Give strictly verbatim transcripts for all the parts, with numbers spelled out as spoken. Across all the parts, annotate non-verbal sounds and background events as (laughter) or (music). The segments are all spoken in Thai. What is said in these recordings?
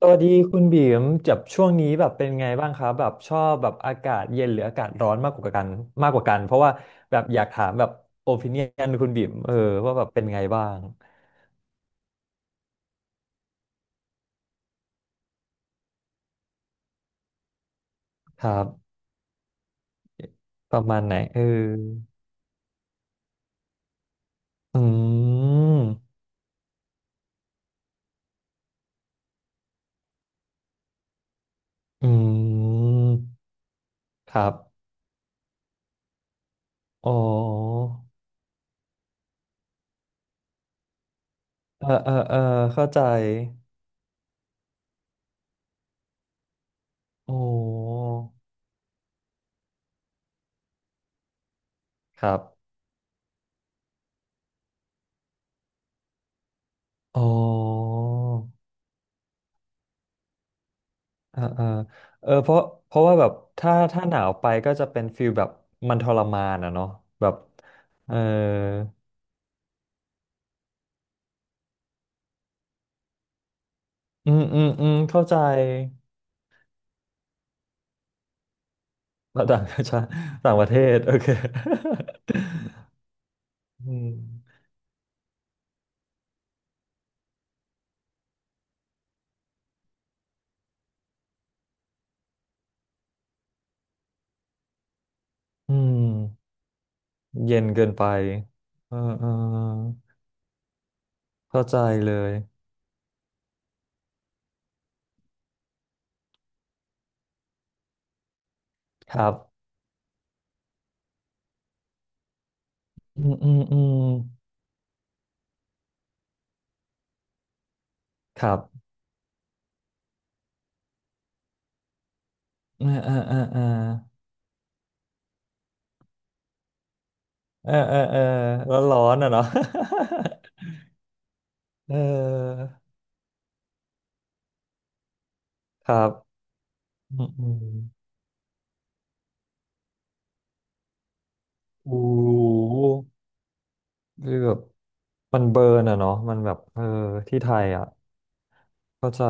สวัสดีคุณบีมจับช่วงนี้แบบเป็นไงบ้างครับแบบชอบแบบอากาศเย็นหรืออากาศร้อนมากกว่ากันมากกว่ากันเพราะว่าแบบอยากถามแบบโอปิเนียนคุณบีมเออว่าแบบเป็นไงบ้างครับประมาณไหนเอออืมอืมครับอ๋อเออเออเออเข้าใจโอ้ครับอ๋อ อ่าอ่าเออเพราะเพราะว่าแบบถ้าถ้าหนาวไปก็จะเป็นฟิลแบบมันทรมานอ่ะเนาะแบบเอออืมอืมอืมเข้าใจ ต่าง (laughs) ชาติต่างประเทศโอเค (laughs) อืมอืมเย็นเกินไปเออเออเข้าใจเลยครับอืมอืมอืมครับเอ่าอ่าอ่าออเออเออเออแล้วร้อนอ่ะเนาะ (laughs) เออครับอืมอืม โอ้โหคือแบบมันเบิร์นอะเนาะมันแบบเออที่ไทยอะเข้าใจ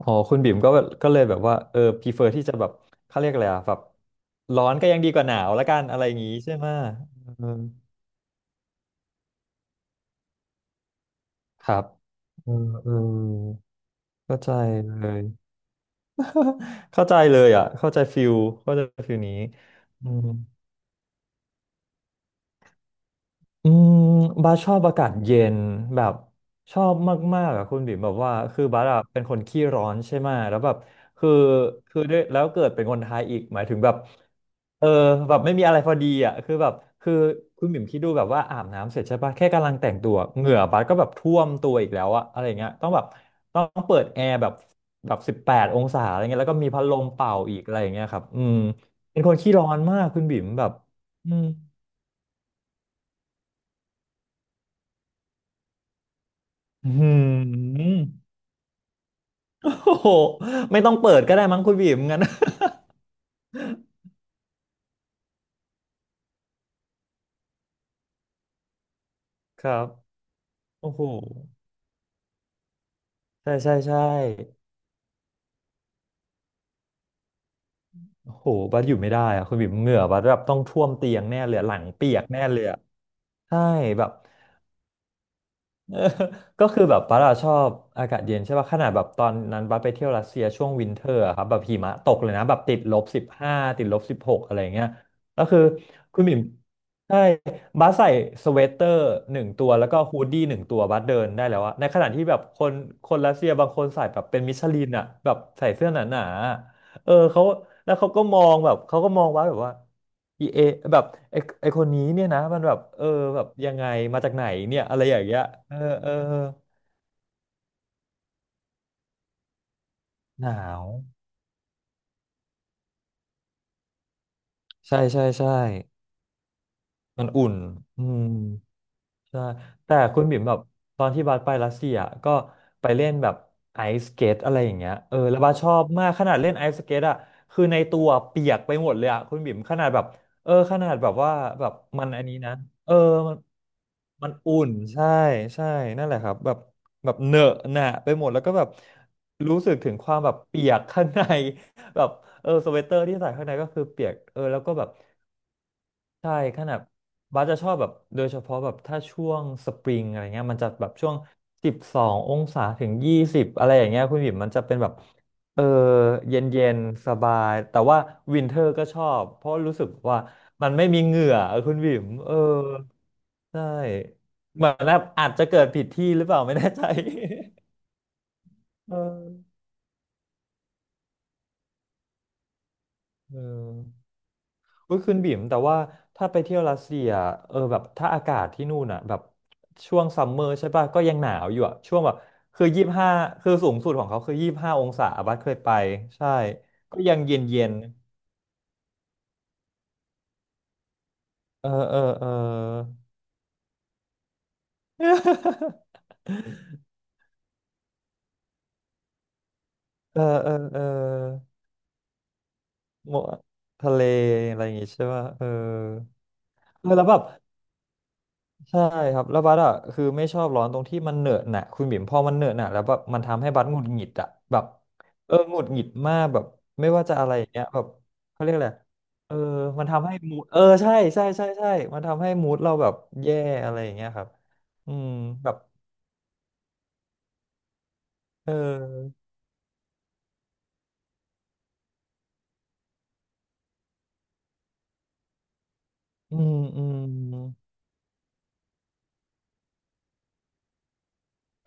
อ๋อคุณบิ่มก็แบบก็เลยแบบว่าเออพีเฟอร์ที่จะแบบเขาเรียกอะไรอะแบบร้อนก็ยังดีกว่าหนาวละกันอะไรอย่างงี้ใช่ไหมเออครับเออเออเข้าใจเลย (laughs) เข้าใจเลยอ่ะเข้าใจฟิลเข้าใจฟิลนี้อืม อืมบาสชอบอากาศเย็นแบบชอบมากๆอะคุณบิ่มแบบว่าคือบาสอะเป็นคนขี้ร้อนใช่ไหมแล้วแบบคือคือด้วยแล้วเกิดเป็นคนไทยอีกหมายถึงแบบเออแบบไม่มีอะไรพอดีอะคือแบบคือคุณบิ่มคิดดูแบบว่าอาบน้ำเสร็จใช่ปะแค่กำลังแต่งตัวเหงื่อบาสก็แบบท่วมตัวอีกแล้วอะอะไรเงี้ยต้องแบบต้องเปิดแอร์แบบแบบสิบแปดองศาอะไรเงี้ยแล้วก็มีพัดลมเป่าอีกอะไรอย่างเงี้ยครับอืมเป็นคนขี้ร้อนมากคุณบิ่มแบบอืมอืม โอ้โห ไม่ต้องเปิดก็ได้มั้งคุณบีมงั้น (laughs) ครับ โอ้โห ใช่ใช่ใช่โอ้โหบัสอยู่ไม่ได้อะคุณบีมเหงื่อบัสแบบต้องท่วมเตียงแน่เลยหลังเปียกแน่เลยอะใช่แบบ (laughs) เออก็คือแบบบัสอะชอบอากาศเย็นใช่ป่ะขนาดแบบตอนนั้นบัสไปเที่ยวรัสเซียช่วงวินเทอร์อะครับแบบหิมะตกเลยนะแบบติดลบสิบห้าติดลบสิบหกอะไรเงี้ยแล้วคือคุณหมิมใช่บัสใส่สเวตเตอร์หนึ่งตัวแล้วก็ฮูดดี้หนึ่งตัวบัสเดินได้แล้วอะในขณะที่แบบคนคนรัสเซียบางคนใส่แบบเป็นมิชลินอะแบบใส่เสื้อหนาๆอะเออเขาแล้วเขาก็มองแบบเขาก็มองว่าแบบว่า อีเอแบบไอไอคนนี้เนี่ยนะมันแบบเออแบบยังไงมาจากไหนเนี่ยอะไรอย่างเงี้ยเออเออหนาวใช่ใช่ใช่มันอุ่นอืมใช่แต่คุณบิ่มแบบตอนที่บัสไปรัสเซียก็ไปเล่นแบบไอสเกตอะไรอย่างเงี้ยเออแล้วบัสชอบมากขนาดเล่นไอสเกตอ่ะคือในตัวเปียกไปหมดเลยอ่ะคุณบิ่มขนาดแบบเออขนาดแบบว่าแบบมันอันนี้นะเออ มันอุ่นใช่ใช่นั่นแหละครับแบบแบบเหนอะหนะไปหมดแล้วก็แบบรู้สึกถึงความแบบเปียก (laughs) ข้างใน (laughs) แบบเออสเวตเตอร์ที่ใส่ข้างในก็คือเปียกเออแล้วก็แบบใช่ขนาดบาสจะชอบแบบโดยเฉพาะแบบถ้าช่วงสปริงอะไรเงี้ยมันจะแบบช่วงสิบสององศาถึงยี่สิบอะไรอย่างเงี้ยคุณบิ่มมันจะเป็นแบบเออเย็นเย็นสบายแต่ว่าวินเทอร์ก็ชอบเพราะรู้สึกว่ามันไม่มีเหงื่อคุณบิ่มเออ ใช่เหมือนแบบอาจจะเกิดผิดที่หรือเปล่าไม่แน่ใจเออเออก็คืนบิ่มแต่ว่าถ้าไปเที่ยวรัสเซียเออแบบถ้าอากาศที่นู่นอ่ะแบบช่วงซัมเมอร์ใช่ป่ะก็ยังหนาวอยู่อ่ะช่วงแบบคือยี่สิบห้าคือสูงสุดของเขาคือยี่สิบห้าองศาบัสเคยไปใช่ก็ยังเย็นเย็นเออเออเออ (laughs) เออเออเออหมดทะเลอะไรอย่างงี้ใช่ป่ะเออเออแล้วแบบ ใช่ครับแล้วบัสอ่ะคือไม่ชอบร้อนตรงที่มันเหนอะหนะคุณบิ่มพอมันเหนอะหนะแล้วแบบมันทำให้บัสหงุดหงิดอ่ะแบบเออหงุดหงิดมากแบบไม่ว่าจะอะไรอย่างเงี้ยแบบเขาเรียกอะไรเออมันทำให้มูดเออใช่ใช่ใช่ใช่มันทำให้มูดเราแบบแย่อะไรอย่างเงี้ยครับอืมแบบเอออืมอืม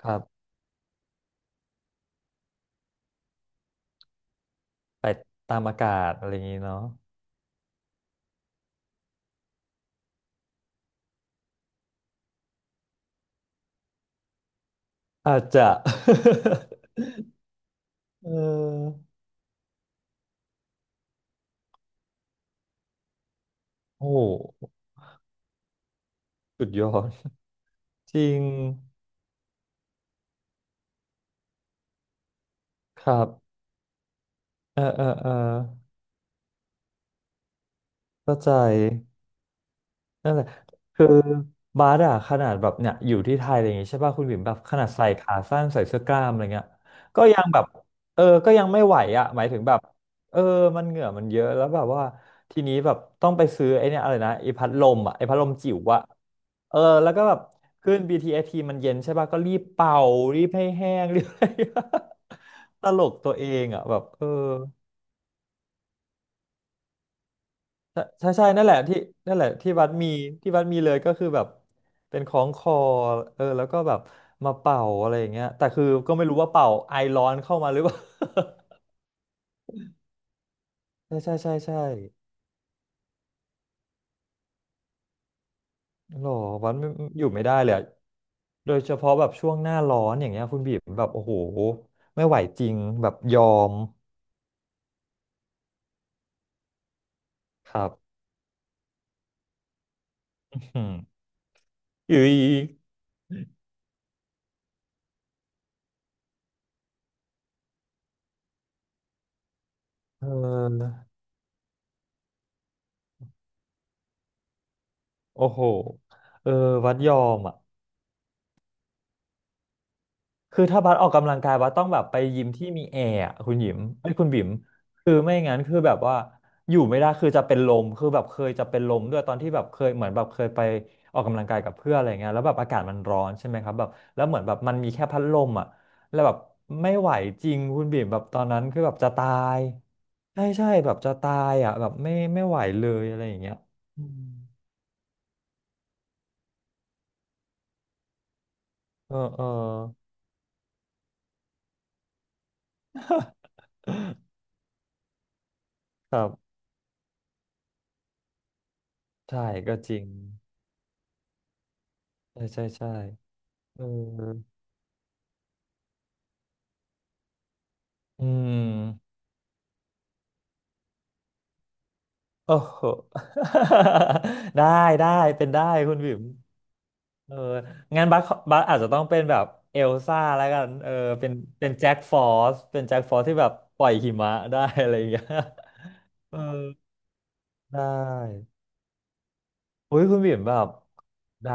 ครับไปตามอากาศอะไรอย่างงี้เนาะอาจจะ (laughs) เออโอ้โหสุดยอดจริงครับเออเออเออ เข้าใจนั่นแหละคือบาสอะขนาดแบบเนี่ยอยู่ที่ไทยอะไรอย่างงี้ใช่ป่ะคุณบิ่มแบบขนาดใส่ขาสั้นใส่เสื้อกล้ามอะไรเงี้ยก็ยังแบบเออก็ยังไม่ไหวอะหมายถึงแบบเออมันเหงื่อมันเยอะแล้วแบบว่าทีนี้แบบต้องไปซื้อไอ้เนี่ยอะไรนะไอ้พัดลมอะไอ้พัดลมจิ๋วอะเออแล้วก็แบบขึ้น บี ที เอสมันเย็นใช่ป่ะก็รีบเป่ารีบให้แห้ง (laughs) รีบ (laughs) ตลกตัวเองอะแบบเออ ใช่ใช่ใช่นั่นแหละที่นั่นแหละที่วัดมีที่วัดมีเลยก็คือแบบเป็นคล้องคอเออแล้วก็แบบมาเป่าอะไรอย่างเงี้ยแต่คือก็ไม่รู้ว่าเป่าไอร้อนเข้ามาหรือเปล่า (laughs) ใช่ใช่ใช่ใช่หรอวัดไม่อยู่ไม่ได้เลยอะโดยเฉพาะแบบช่วงหน้าร้อนอย่างเงี้ยคุณบีมแบบโอ้โหไม่ไหวจริงแบบยอมครับ (laughs) อืมอยู่อีกเออโอ้โหเออวัดยอมอ่ะ คือถ้าบัสออกกำลังกายบัสต้องแบบไปยิมที่มีแอร์อะคุณหยิมไอ้ยคุณบิ๋มคือไม่งั้นคือแบบว่าอยู่ไม่ได้คือจะเป็นลมคือแบบเคยจะเป็นลมด้วยตอนที่แบบเคยเหมือนแบบเคยไปออกกำลังกายกับเพื่อนอะไรเงี้ยแล้วแบบอากาศมันร้อนใช่ไหมครับแบบแล้วเหมือนแบบมันมีแค่พัดลมอ่ะแล้วแบบไม่ไหวจริงคุณบิ๋มแบบตอนนั้นคือแบบจะตายใช่ใช่แบบจะตายอ่ะแบบไม่ไม่ไหวเลยอะไรอย่างเงี้ยอืมเออเออครับใช่ก็จริงใช่ใช่ใช่เออ อืมโอ้โห (laughs) ได้ได้เป็นได้คุณบิ๋มเอองั้นบัสบัสอาจจะต้องเป็นแบบเอลซ่าแล้วกันเออเป็นเป็นแจ็คฟอสเป็นแจ็คฟอสที่แบบปล่อยหิมะได้อะไรอย่างเงี้ย (laughs) เออได้อุ้ยคุณบิ่มแบบได้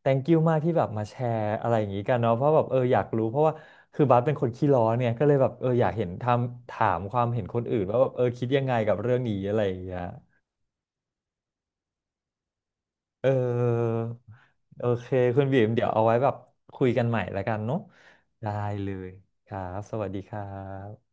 แธงค์ คิว มากที่แบบมาแชร์อะไรอย่างงี้กันเนาะเพราะแบบเอออยากรู้เพราะว่าคือบัสเป็นคนขี้ร้อนเนี่ยก็เลยแบบเอออยากเห็นทำถามความเห็นคนอื่นว่าแบบเออคิดยังไงกับเรื่องนี้อะไรอย่างเงี้ย เออโอเคคุณบีมเดี๋ยวเอาไว้แบบคุยกันใหม่แล้วกันเนาะได้เลยครับสวัสดีครับ